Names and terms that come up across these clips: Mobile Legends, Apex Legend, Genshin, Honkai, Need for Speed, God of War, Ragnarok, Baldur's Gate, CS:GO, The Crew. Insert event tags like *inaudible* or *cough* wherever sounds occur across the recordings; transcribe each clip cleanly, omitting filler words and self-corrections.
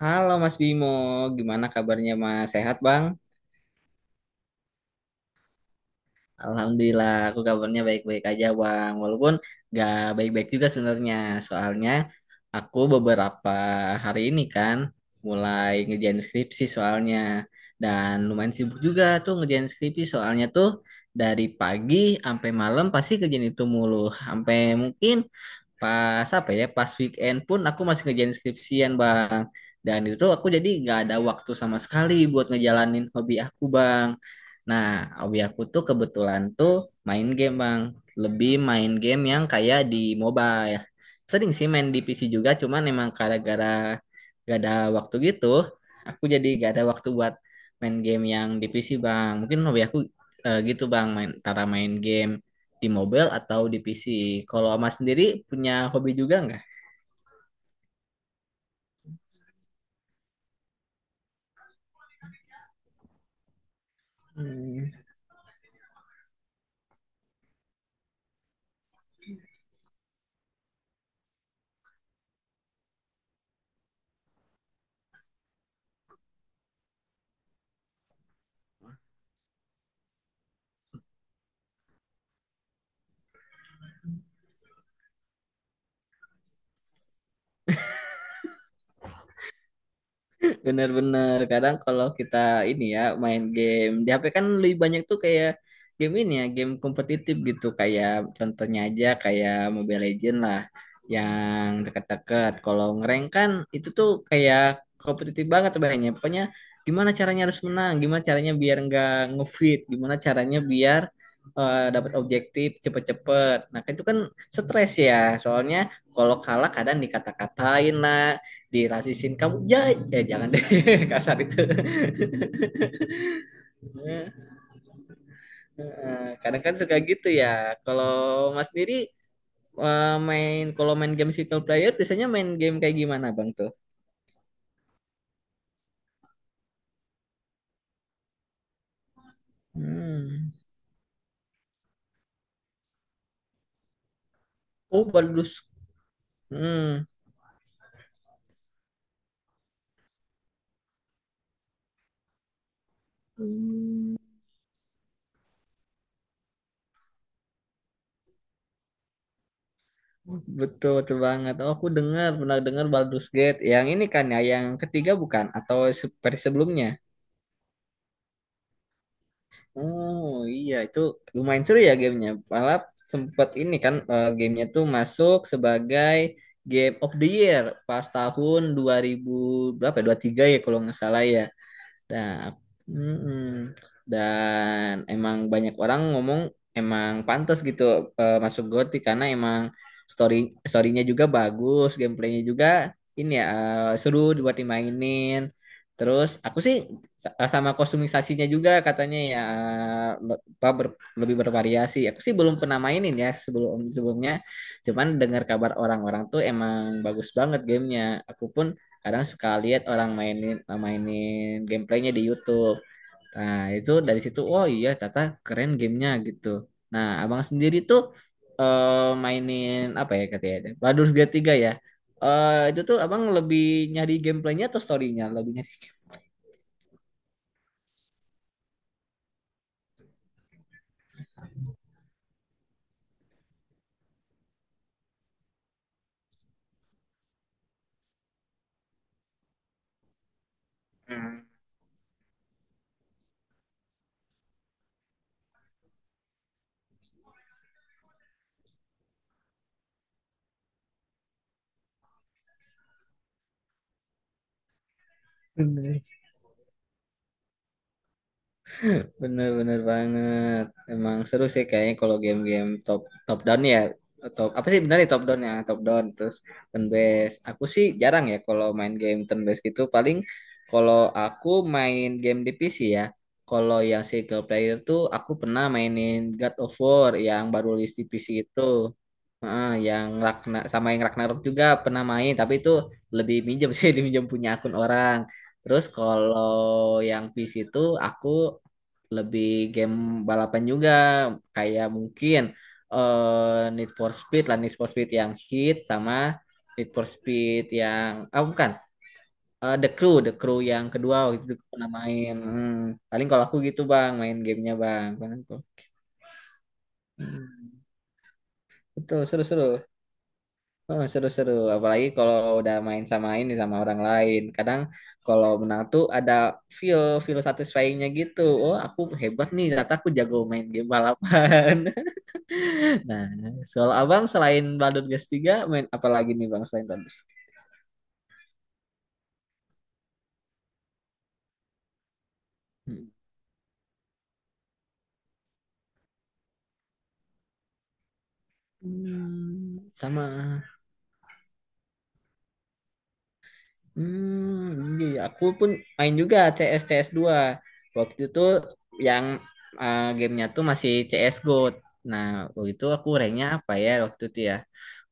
Halo Mas Bimo, gimana kabarnya Mas? Sehat Bang? Alhamdulillah, aku kabarnya baik-baik aja Bang. Walaupun gak baik-baik juga sebenarnya. Soalnya aku beberapa hari ini kan mulai ngerjain skripsi soalnya. Dan lumayan sibuk juga tuh ngerjain skripsi soalnya tuh dari pagi sampai malam pasti kerjaan itu mulu. Sampai mungkin pas apa ya pas weekend pun aku masih ngerjain skripsian bang, dan itu tuh aku jadi nggak ada waktu sama sekali buat ngejalanin hobi aku bang. Nah, hobi aku tuh kebetulan tuh main game bang, lebih main game yang kayak di mobile. Sering sih main di PC juga, cuman emang gara-gara gak ada waktu gitu aku jadi gak ada waktu buat main game yang di PC bang. Mungkin hobi aku gitu bang, main antara main game di mobile atau di PC. Kalau Mas sendiri punya hobi juga nggak? Hmm. Bener-bener, kadang kalau kita ini ya main game di HP kan lebih banyak tuh kayak game ini ya game kompetitif gitu, kayak contohnya aja kayak Mobile Legends lah, yang deket-deket kalau ngerank kan itu tuh kayak kompetitif banget. Banyak pokoknya gimana caranya harus menang, gimana caranya biar nggak nge-feed, gimana caranya biar dapat objektif cepet-cepet. Nah kan itu kan stres ya, soalnya kalau kalah kadang dikata-katain lah, dirasisin kamu ya, eh jangan deh *laughs* kasar itu *laughs* Heeh, kadang kan suka gitu ya. Kalau mas sendiri main, kalau main game single player biasanya main game kayak gimana bang tuh? Hmm. Oh Baldur's. Hmm. Betul betul banget. Oh, aku dengar, pernah dengar Baldur's Gate yang ini kan ya, yang ketiga bukan atau versi sebelumnya? Oh iya, itu lumayan seru ya gamenya. Malah sempat ini kan gamenya tuh masuk sebagai Game of the Year pas tahun 2000 berapa ya? 23 ya kalau nggak salah ya. Nah, mm-mm. Dan emang banyak orang ngomong emang pantas gitu masuk GOTY karena emang story storynya juga bagus, gameplaynya juga ini ya seru dibuat dimainin. Terus aku sih sama kostumisasinya juga katanya ya, lebih bervariasi. Aku sih belum pernah mainin ya sebelum sebelumnya. Cuman dengar kabar orang-orang tuh emang bagus banget gamenya. Aku pun kadang suka lihat orang mainin mainin gameplaynya di YouTube. Nah itu dari situ, oh iya tata keren gamenya gitu. Nah abang sendiri tuh mainin apa ya katanya Baldur's Gate 3 ya. Eh, itu tuh abang lebih nyari gameplaynya atau storynya lebih nyari? Hmm. Bener-bener banget. Emang seru sih kayaknya kalau game-game top top down ya. Top apa sih, benar ya, top down terus turn based. Aku sih jarang ya kalau main game turn based gitu. Paling kalau aku main game di PC ya. Kalau yang single player tuh aku pernah mainin God of War yang baru rilis di PC itu. Heeh, yang Ragna sama yang Ragnarok juga pernah main, tapi itu lebih minjem sih, *laughs* diminjem punya akun orang. Terus kalau yang PC itu aku lebih game balapan juga kayak mungkin Need for Speed lah, Need for Speed yang hit, sama Need for Speed yang ah bukan, The Crew yang kedua waktu itu pernah main. Hmm, paling kalau aku gitu bang main gamenya bang paling aku. Hmm, betul seru-seru. Oh, seru-seru apalagi kalau udah main sama ini sama orang lain, kadang kalau menang tuh ada feel feel satisfyingnya gitu, oh aku hebat nih ternyata aku jago main game balapan *laughs* Nah, soal abang selain Baldur's Gate 3 main apa lagi nih bang selain Baldur's? Hmm. Hmm, sama. Hmm, iya, iya. Aku pun main juga CS CS dua. Waktu itu yang gamenya tuh masih CS GO. Nah, waktu itu aku ranknya apa ya waktu itu ya.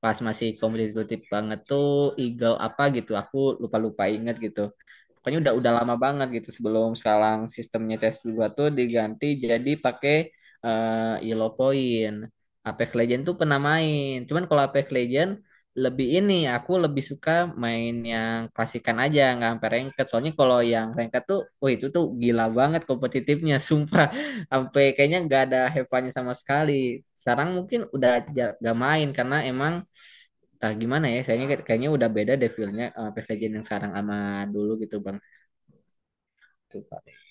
Pas masih kompetitif banget tuh Eagle apa gitu, aku lupa-lupa inget gitu. Pokoknya udah lama banget gitu sebelum sekarang sistemnya cs dua tuh diganti jadi pakai Yellow Point. Apex Legend tuh pernah main. Cuman kalau Apex Legend lebih ini aku lebih suka main yang klasikan aja nggak sampai ranked. Soalnya kalau yang ranked tuh, wah itu tuh gila banget kompetitifnya, *laughs* sumpah. Sampai kayaknya nggak ada hevannya sama sekali. Sekarang mungkin udah nggak main karena emang entah gimana ya, kayaknya kayaknya udah beda deh feel-nya, Apex Legend yang sekarang sama dulu gitu, Bang. Betul, Pak.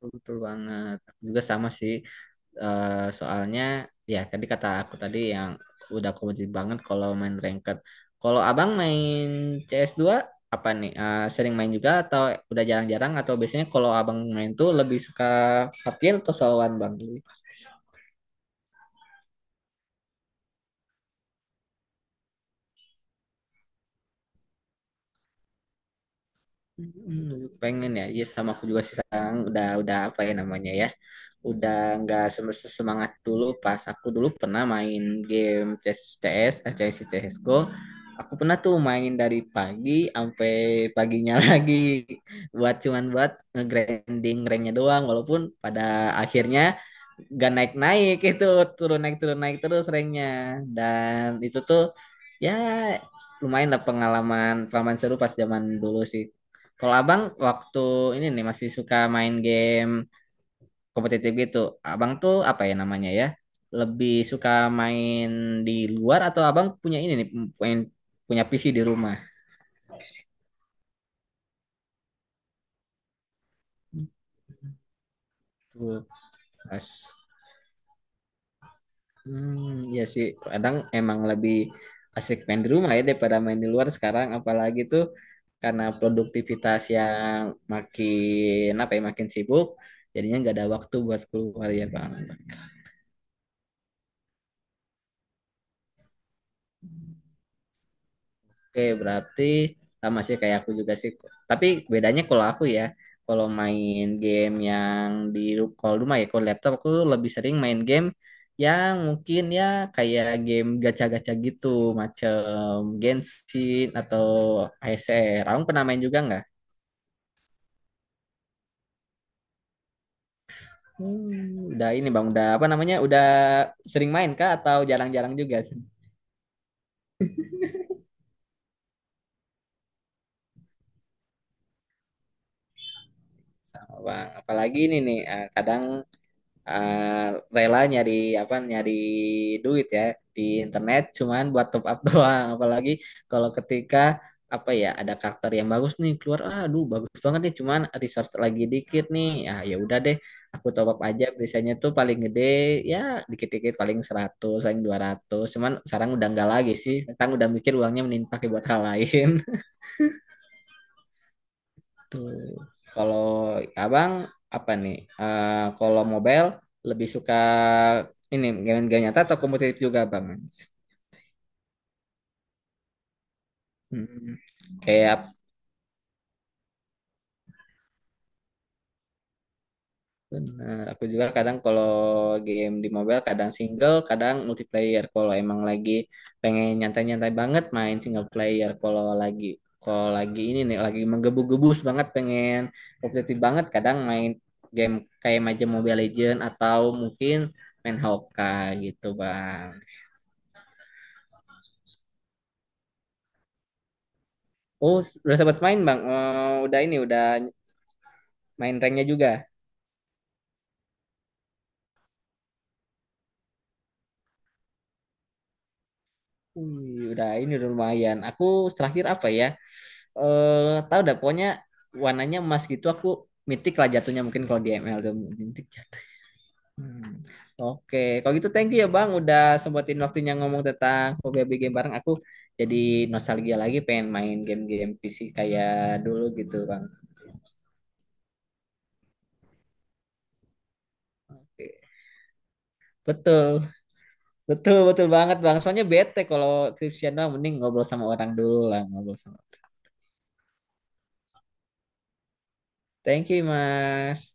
Betul betul banget. Aku juga sama sih. Eh, soalnya ya tadi kata aku tadi yang udah kompetitif banget kalau main ranked. Kalau Abang main cs dua apa nih? Eh, sering main juga atau udah jarang-jarang, atau biasanya kalau Abang main tuh lebih suka hati atau soloan Bang? Hmm, pengen ya, iya sama aku juga sih. Sekarang udah apa ya namanya ya, udah nggak semangat, dulu pas aku dulu pernah main game CS CS eh, CS:GO, aku pernah tuh main dari pagi sampai paginya *laughs* lagi, buat cuman buat nge-grinding ranknya doang, walaupun pada akhirnya gak naik-naik itu, turun naik terus ranknya, dan itu tuh ya lumayan lah, pengalaman pengalaman seru pas zaman dulu sih. Kalau abang waktu ini nih masih suka main game kompetitif gitu, abang tuh apa ya namanya ya? Lebih suka main di luar, atau abang punya ini nih, punya, punya PC di rumah? Tuh, Pas. Hmm, iya sih, kadang emang lebih asik main di rumah ya daripada main di luar sekarang, apalagi tuh karena produktivitas yang makin apa ya makin sibuk, jadinya nggak ada waktu buat keluar ya bang. Oke, berarti sama sih kayak aku juga sih. Tapi bedanya kalau aku ya, kalau main game yang di kalau rumah ya, kalau laptop aku lebih sering main game yang mungkin ya kayak game gacha-gacha gitu, macam Genshin atau ASR. Kamu pernah main juga nggak? Hmm, udah ini bang, udah apa namanya? Udah sering main kah atau jarang-jarang juga sih? Sama bang. Apalagi ini nih, eh, kadang eh, rela nyari apa nyari duit ya di internet cuman buat top up *laughs* doang. Apalagi kalau ketika apa ya ada karakter yang bagus nih keluar, aduh bagus banget nih cuman resource lagi dikit nih, ah ya udah deh aku top up aja. Biasanya tuh paling gede ya dikit-dikit, paling 100 paling 200. Cuman sekarang udah enggak lagi sih, sekarang udah mikir uangnya mending pakai *laughs* buat hal lain. Hmm. Kalau abang apa nih? Eh, kalau mobile lebih suka ini game-game nyata atau kompetitif juga bang? Hmm. Kayak benar. Aku juga kadang kalau game di mobile kadang single, kadang multiplayer. Kalau emang lagi pengen nyantai-nyantai banget main single player. Kalau lagi ini nih lagi menggebu-gebus banget pengen kompetitif banget, kadang main game kayak macam Mobile Legend atau mungkin main Honkai gitu bang. Oh, udah sempat main Bang. Eh, udah ini udah main ranknya juga. Wih, udah ini udah lumayan. Aku terakhir apa ya? Eh, tahu dah pokoknya warnanya emas gitu, aku mitik lah jatuhnya, mungkin kalau di ML tuh mitik jatuh. Hmm. Oke, kalau gitu thank you ya Bang udah sempetin waktunya ngomong tentang hobi game bareng. Aku jadi nostalgia lagi pengen main game-game PC kayak dulu gitu Bang. Oke. Betul. Betul, betul banget Bang. Soalnya bete kalau Cristiano mending ngobrol sama orang dulu lah, ngobrol sama. Thank you, Mas.